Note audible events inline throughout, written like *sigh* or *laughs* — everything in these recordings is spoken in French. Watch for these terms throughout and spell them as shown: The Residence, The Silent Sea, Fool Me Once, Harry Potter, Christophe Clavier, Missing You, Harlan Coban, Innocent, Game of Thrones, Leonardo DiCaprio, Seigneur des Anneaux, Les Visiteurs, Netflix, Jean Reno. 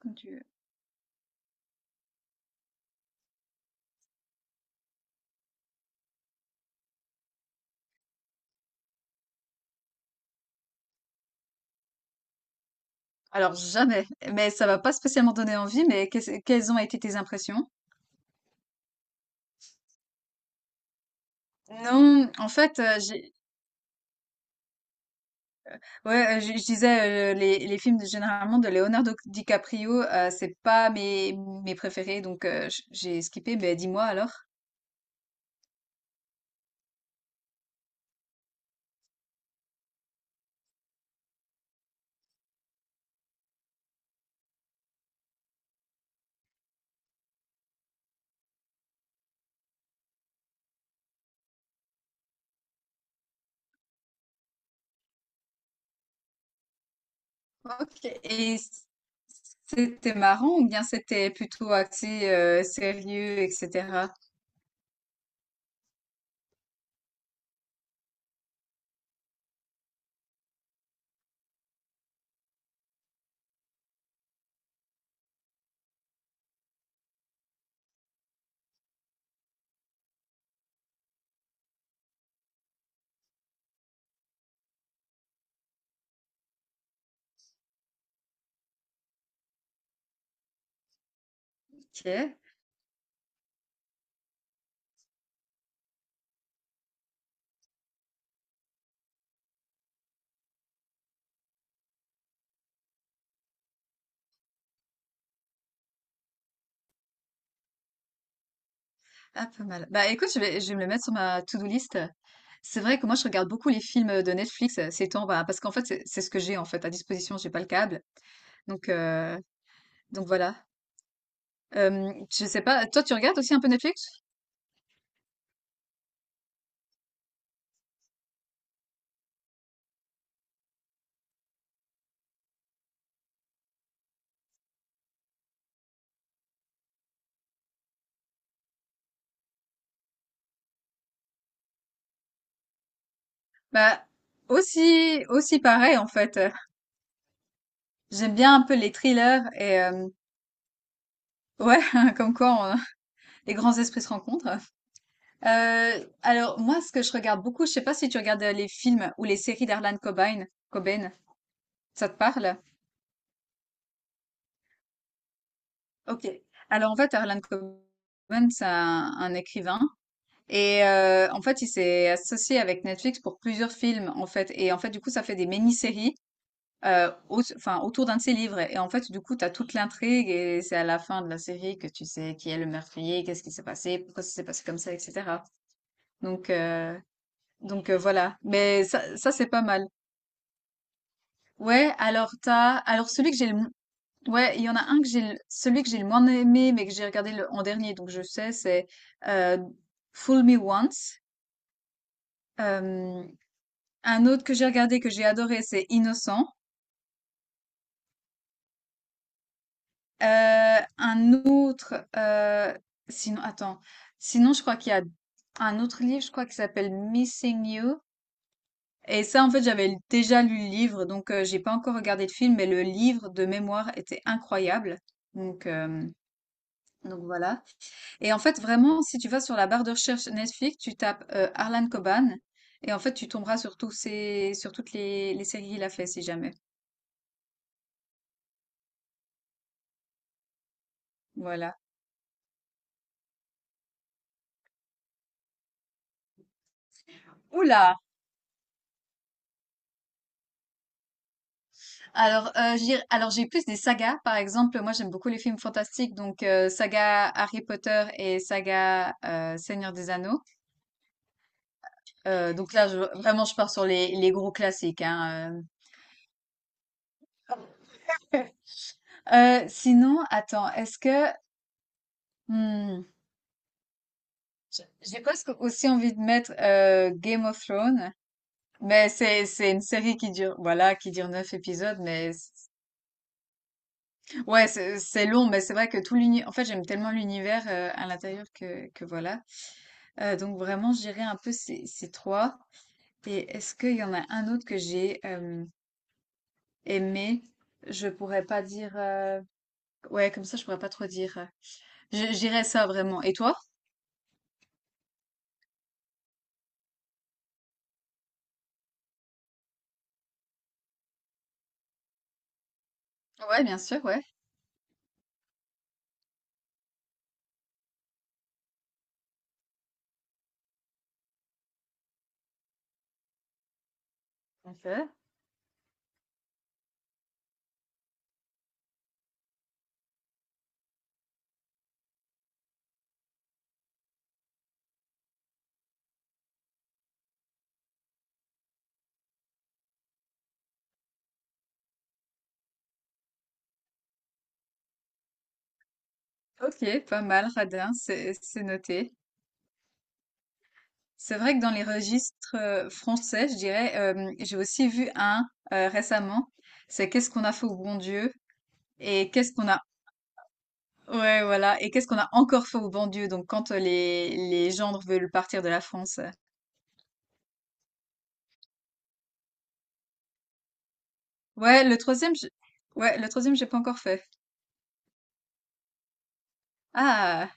Quand tu veux. Alors jamais, mais ça va pas spécialement donner envie, mais qu'est-ce quelles ont été tes impressions? Non, en fait, j'ai ouais, je disais, les films de généralement de Leonardo DiCaprio, c'est pas mes préférés, donc j'ai skippé, mais dis-moi alors? OK. C'était marrant ou bien c'était plutôt axé sérieux, etc. OK. Ah, pas mal. Bah, écoute, je vais me le mettre sur ma to-do list. C'est vrai que moi, je regarde beaucoup les films de Netflix ces temps, bah, parce qu'en fait, c'est ce que j'ai en fait à disposition. J'ai pas le câble, donc euh, donc voilà. Je sais pas. Toi, tu regardes aussi un peu Netflix? Bah aussi pareil en fait. *laughs* J'aime bien un peu les thrillers et ouais, *laughs* comme quoi les grands esprits se rencontrent. Alors moi, ce que je regarde beaucoup, je sais pas si tu regardes les films ou les séries d'Harlan Cobain. Cobain, ça te parle? Ok. Alors en fait, Harlan Cobain, c'est un écrivain et en fait, il s'est associé avec Netflix pour plusieurs films en fait. Et en fait, du coup, ça fait des mini-séries. Enfin, autour d'un de ses livres. Et en fait, du coup, tu as toute l'intrigue et c'est à la fin de la série que tu sais qui est le meurtrier, qu'est-ce qui s'est passé, pourquoi ça s'est passé comme ça, etc. Donc, euh, Donc voilà, mais ça c'est pas mal. Ouais, alors celui que j'ai le, mo- ouais, il y en a un que j'ai, celui que j'ai le moins aimé, mais que j'ai regardé en dernier, donc je sais, c'est euh, Fool Me Once. Euh, un autre que j'ai regardé que j'ai adoré, c'est Innocent. Un autre, sinon, attends, sinon je crois qu'il y a un autre livre, je crois qui s'appelle Missing You. Et ça, en fait, j'avais déjà lu le livre, donc j'ai pas encore regardé le film, mais le livre de mémoire était incroyable. Donc, euh, donc voilà. Et en fait, vraiment, si tu vas sur la barre de recherche Netflix, tu tapes Harlan Coban, et en fait, tu tomberas sur sur les séries qu'il a fait, si jamais. Voilà. Oula! Alors, alors j'ai plus des sagas, par exemple. Moi, j'aime beaucoup les films fantastiques, donc saga Harry Potter et saga Seigneur des Anneaux. Donc là, vraiment, je pars sur les gros classiques. Hein, sinon, attends, est-ce que hmm, j- j'ai presque aussi envie de mettre Game of Thrones, mais c'est une série qui dure, voilà, qui dure neuf épisodes, ouais, c'est long, mais c'est vrai que tout l'univers, en fait, j'aime tellement l'univers à l'intérieur que voilà. Donc vraiment, je dirais un peu ces trois. Et est-ce qu'il y en a un autre que j'ai aimé? Je pourrais pas dire. Ouais, comme ça, je pourrais pas trop dire. J'irais ça vraiment. Et toi? Ouais, bien sûr, ouais. Ok. Ok, pas mal, radin, c'est noté. C'est vrai que dans les registres français, je dirais, j'ai aussi vu un récemment. C'est qu'est-ce qu'on a fait au bon Dieu et ouais, voilà, et qu'est-ce qu'on a encore fait au bon Dieu. Donc quand les gendres veulent partir de la France. Ouais, le troisième, je- ouais, le troisième, j'ai pas encore fait. Ah.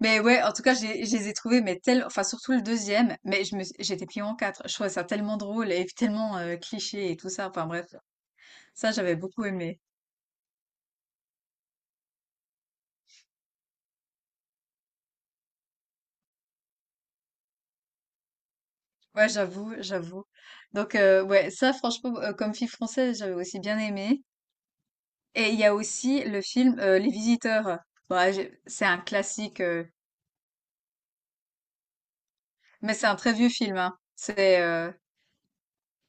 Mais ouais, en tout cas, je les ai trouvés, enfin surtout le deuxième, mais j'étais pliée en quatre. Je trouvais ça tellement drôle et tellement cliché et tout ça. Enfin bref, ça j'avais beaucoup aimé. Ouais, j'avoue, j'avoue. Donc ouais, ça franchement, comme fille française, j'avais aussi bien aimé. Et il y a aussi le film Les Visiteurs. C'est un classique, mais c'est un très vieux film. Hein.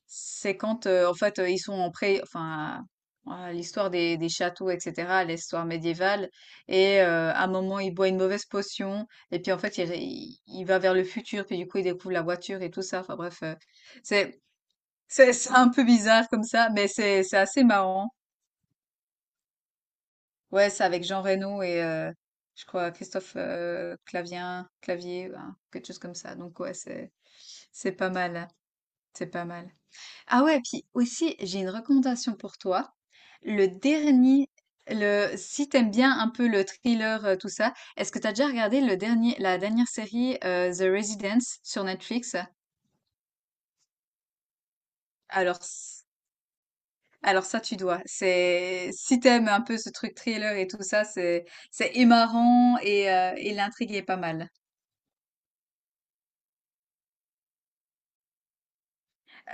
C'est quand, en fait, ils sont en pré, enfin, voilà, l'histoire des châteaux, etc., l'histoire médiévale, et à un moment, il boit une mauvaise potion, et puis en fait, il va vers le futur, puis du coup, il découvre la voiture et tout ça. Enfin bref, c'est c'est un peu bizarre comme ça, mais c'est assez marrant. Ouais, c'est avec Jean Reno et je crois Christophe Clavien, Clavier, ben, quelque chose comme ça. Donc ouais, c'est pas mal, c'est pas mal. Ah ouais, puis aussi, j'ai une recommandation pour toi. Le dernier, si t'aimes bien un peu le thriller, tout ça, est-ce que t'as déjà regardé le dernier, la dernière série The Residence sur Netflix? Alors, s- alors ça, tu dois. C'est, si t'aimes un peu ce truc thriller et tout ça, c'est et marrant et l'intrigue est pas mal.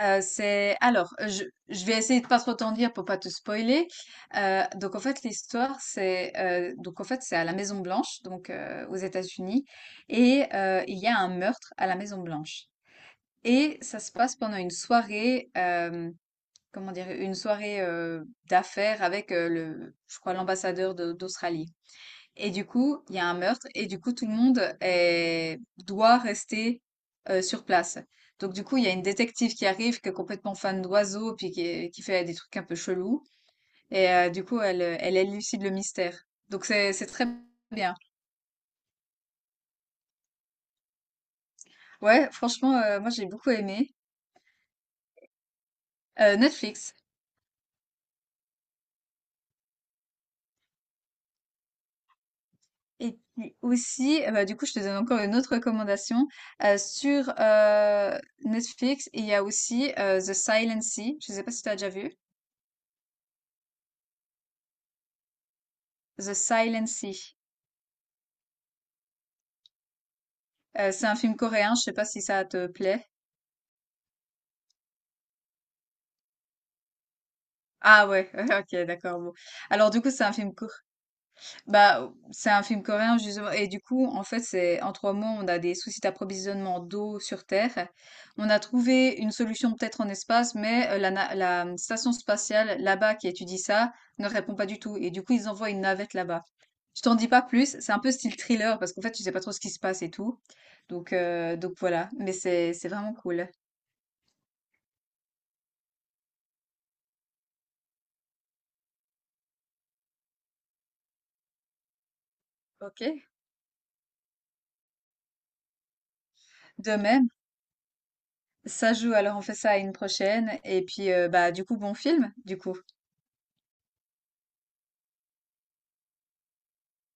Euh, c'est alors, euh, je, je vais essayer de pas trop t'en dire pour pas te spoiler. Donc en fait, l'histoire c'est donc en fait c'est à la Maison Blanche, donc aux États-Unis, et il y a un meurtre à la Maison Blanche. Et ça se passe pendant une soirée, une soirée d'affaires avec je crois l'ambassadeur d'Australie. Et du coup, il y a un meurtre et du coup, tout le monde est- doit rester sur place. Donc du coup, il y a une détective qui arrive, qui est complètement fan d'oiseaux, qui fait des trucs un peu chelous. Et du coup, elle élucide le mystère. Donc c'est très bien. Ouais, franchement, moi j'ai beaucoup aimé. Netflix. Et puis aussi, bah, du coup, je te donne encore une autre recommandation. Sur Netflix, il y a aussi The Silent Sea. Je ne sais pas si tu as déjà vu. The Silent Sea. C'est un film coréen, je sais pas si ça te plaît. Ah ouais, *laughs* ok, d'accord. Bon. Alors du coup, c'est un film court. Bah, c'est un film coréen justement. Et du coup, en fait, c'est en trois mois, on a des soucis d'approvisionnement d'eau sur Terre. On a trouvé une solution peut-être en espace, mais la station spatiale là-bas qui étudie ça ne répond pas du tout. Et du coup, ils envoient une navette là-bas. Je t'en dis pas plus. C'est un peu style thriller parce qu'en fait, tu sais pas trop ce qui se passe et tout. Donc voilà. Mais c'est vraiment cool. Ok. De même. Ça joue, alors on fait ça à une prochaine. Et puis, bah, du coup, bon film, du coup.